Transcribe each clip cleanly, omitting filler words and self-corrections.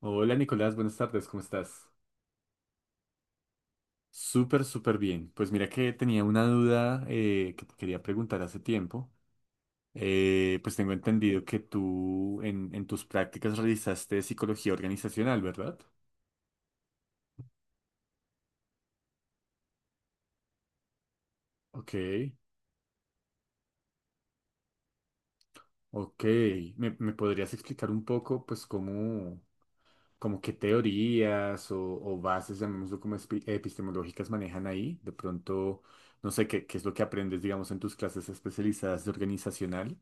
Hola Nicolás, buenas tardes, ¿cómo estás? Súper bien. Pues mira que tenía una duda, que te quería preguntar hace tiempo. Pues tengo entendido que tú en tus prácticas realizaste psicología organizacional, ¿verdad? Ok, ok. ¿Me podrías explicar un poco pues cómo, como qué teorías o bases, llamémoslo como epistemológicas, manejan ahí. De pronto, no sé qué es lo que aprendes, digamos, en tus clases especializadas de organizacional,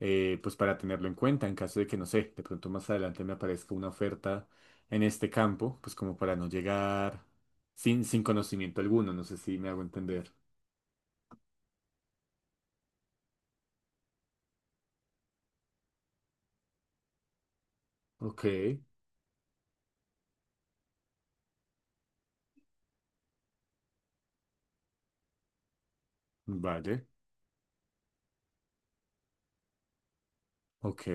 pues para tenerlo en cuenta en caso de que, no sé, de pronto más adelante me aparezca una oferta en este campo, pues como para no llegar sin conocimiento alguno, no sé si me hago entender. Ok, vale, ok,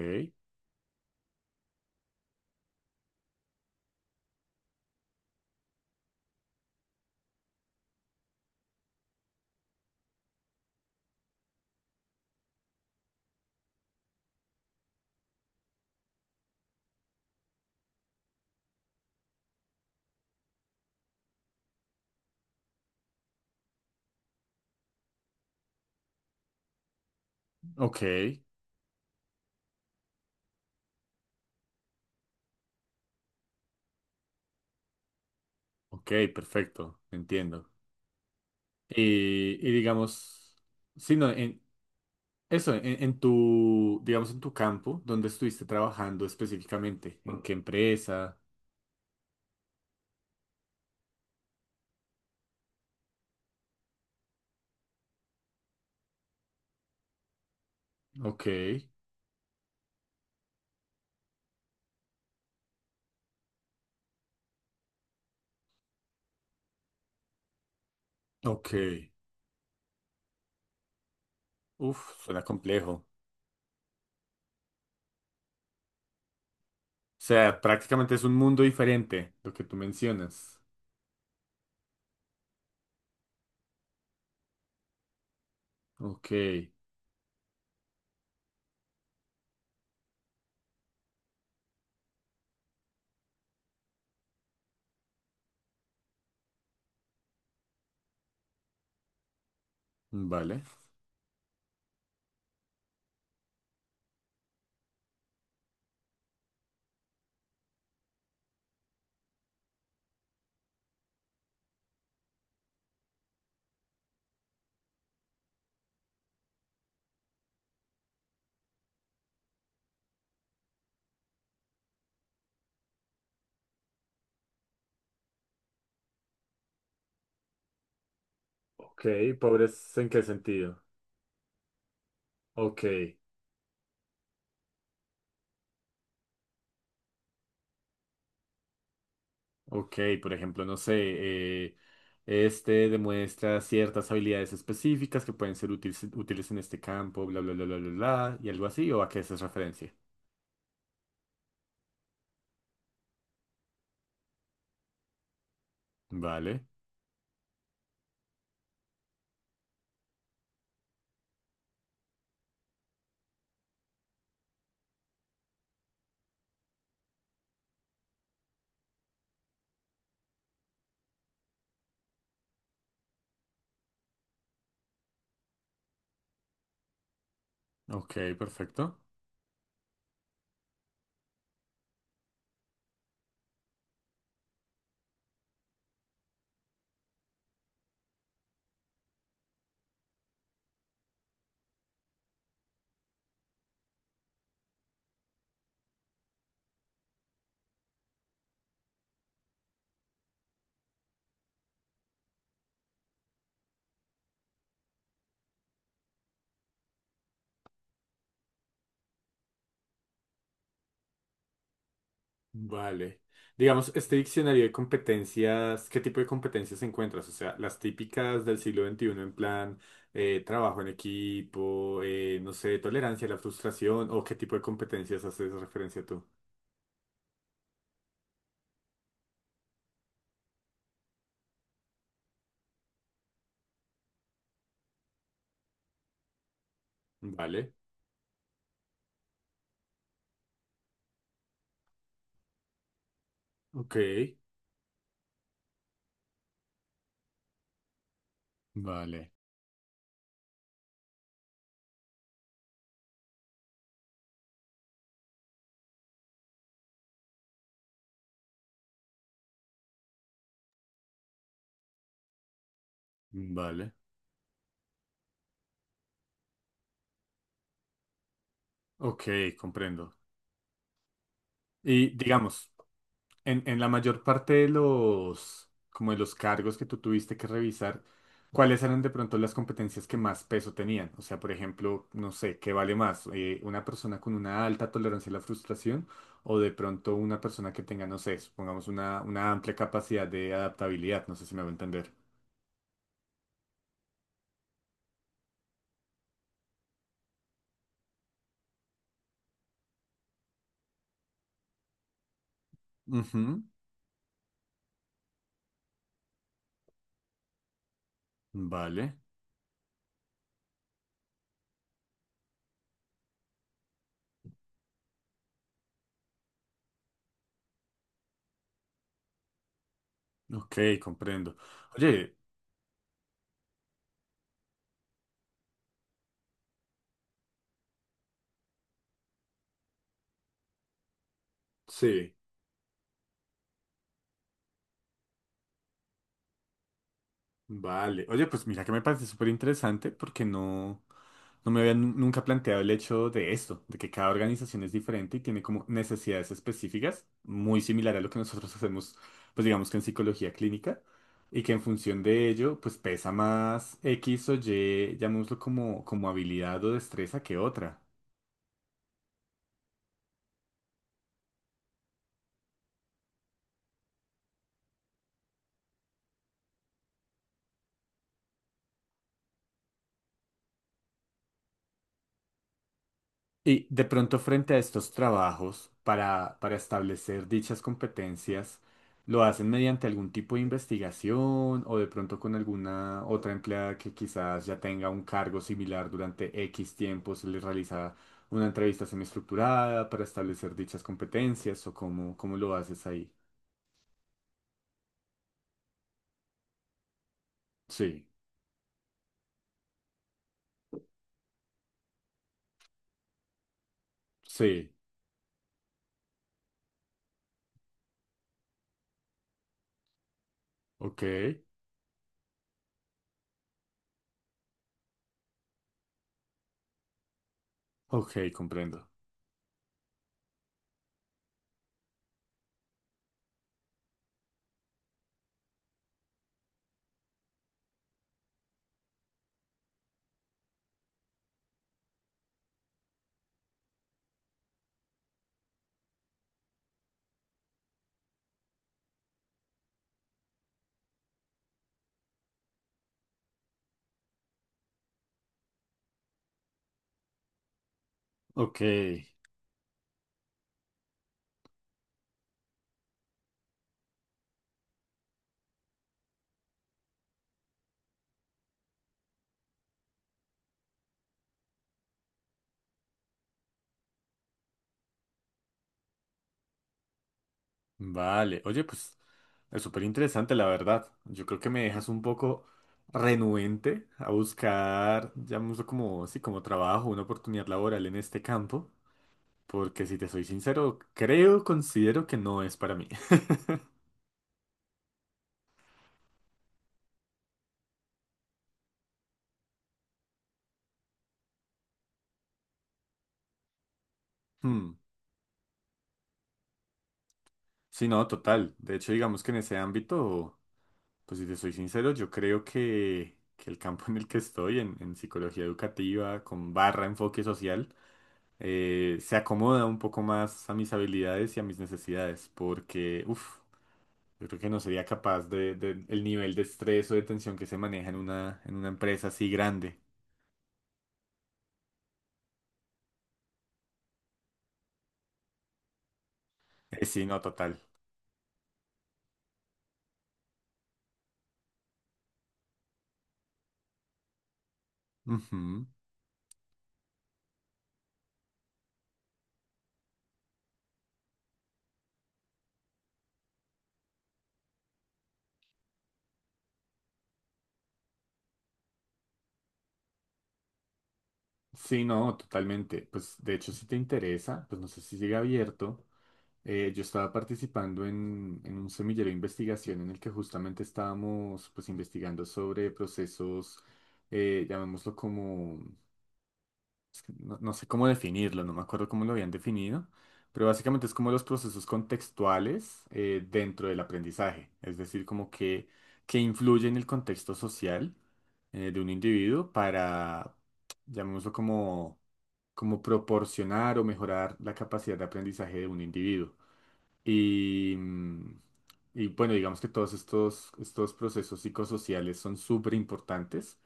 ok, ok, perfecto, entiendo. Y digamos, sí, no, eso, en tu, digamos, en tu campo, ¿dónde estuviste trabajando específicamente? ¿En qué empresa? Ok, ok. Uf, suena complejo. O sea, prácticamente es un mundo diferente lo que tú mencionas. Ok, vale. Ok, pobres, ¿en qué sentido? Ok, ok, por ejemplo, no sé, este demuestra ciertas habilidades específicas que pueden ser útiles, útiles en este campo, bla, bla, bla, bla, bla, bla, y algo así, ¿o a qué haces referencia? Vale. Ok, perfecto. Vale. Digamos, este diccionario de competencias, ¿qué tipo de competencias encuentras? O sea, las típicas del siglo XXI en plan trabajo en equipo, no sé, tolerancia a la frustración o qué tipo de competencias haces referencia tú. Vale. Ok. Vale, vale. Ok, comprendo. Y digamos, en la mayor parte de los, como de los cargos que tú tuviste que revisar, ¿cuáles eran de pronto las competencias que más peso tenían? O sea, por ejemplo, no sé, ¿qué vale más? ¿Una persona con una alta tolerancia a la frustración o de pronto una persona que tenga, no sé, supongamos una amplia capacidad de adaptabilidad? No sé si me va a entender. Ujú. Vale, ok, comprendo. Oye, sí. Vale. Oye, pues mira que me parece súper interesante porque no, no me había nunca planteado el hecho de esto, de que cada organización es diferente y tiene como necesidades específicas, muy similar a lo que nosotros hacemos, pues digamos que en psicología clínica, y que en función de ello, pues pesa más X o Y, llamémoslo como, como habilidad o destreza que otra. Y de pronto frente a estos trabajos, para establecer dichas competencias, ¿lo hacen mediante algún tipo de investigación o de pronto con alguna otra empleada que quizás ya tenga un cargo similar durante X tiempo, se les realiza una entrevista semiestructurada para establecer dichas competencias o cómo, cómo lo haces ahí? Sí, sí, ok, ok, comprendo. Ok, vale. Oye, pues... es súper interesante, la verdad. Yo creo que me dejas un poco renuente a buscar, llamémoslo como, sí, como trabajo, una oportunidad laboral en este campo, porque si te soy sincero, creo, considero que no es para mí. Hmm. Sí, no, total. De hecho, digamos que en ese ámbito, pues si te soy sincero, yo creo que el campo en el que estoy, en psicología educativa, con barra enfoque social, se acomoda un poco más a mis habilidades y a mis necesidades, porque, uff. Yo creo que no sería capaz de el nivel de estrés o de tensión que se maneja en una empresa así grande. Sí, no, total. Ujú. Sí, no, totalmente. Pues de hecho, si te interesa, pues no sé si sigue abierto. Yo estaba participando en un semillero de investigación en el que justamente estábamos pues investigando sobre procesos, llamémoslo como no, no sé cómo definirlo, no me acuerdo cómo lo habían definido, pero básicamente es como los procesos contextuales, dentro del aprendizaje, es decir, como que influye en el contexto social, de un individuo para, llamémoslo como, como proporcionar o mejorar la capacidad de aprendizaje de un individuo. Y, y bueno, digamos que todos estos, estos procesos psicosociales son súper importantes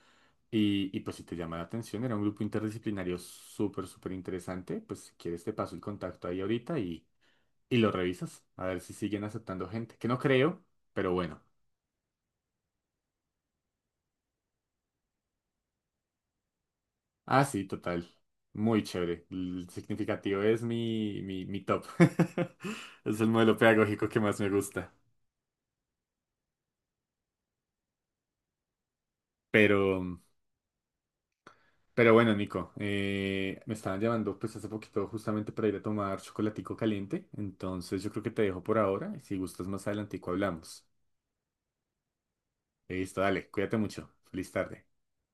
y pues si te llama la atención, era un grupo interdisciplinario súper interesante, pues si quieres te paso el contacto ahí ahorita y lo revisas, a ver si siguen aceptando gente, que no creo, pero bueno. Ah, sí, total. Muy chévere. El significativo es mi top. Es el modelo pedagógico que más me gusta. Pero, pero bueno, Nico, me estaban llamando pues hace poquito justamente para ir a tomar chocolatico caliente, entonces yo creo que te dejo por ahora y si gustas más adelantico hablamos. Listo, dale, cuídate mucho. Feliz tarde.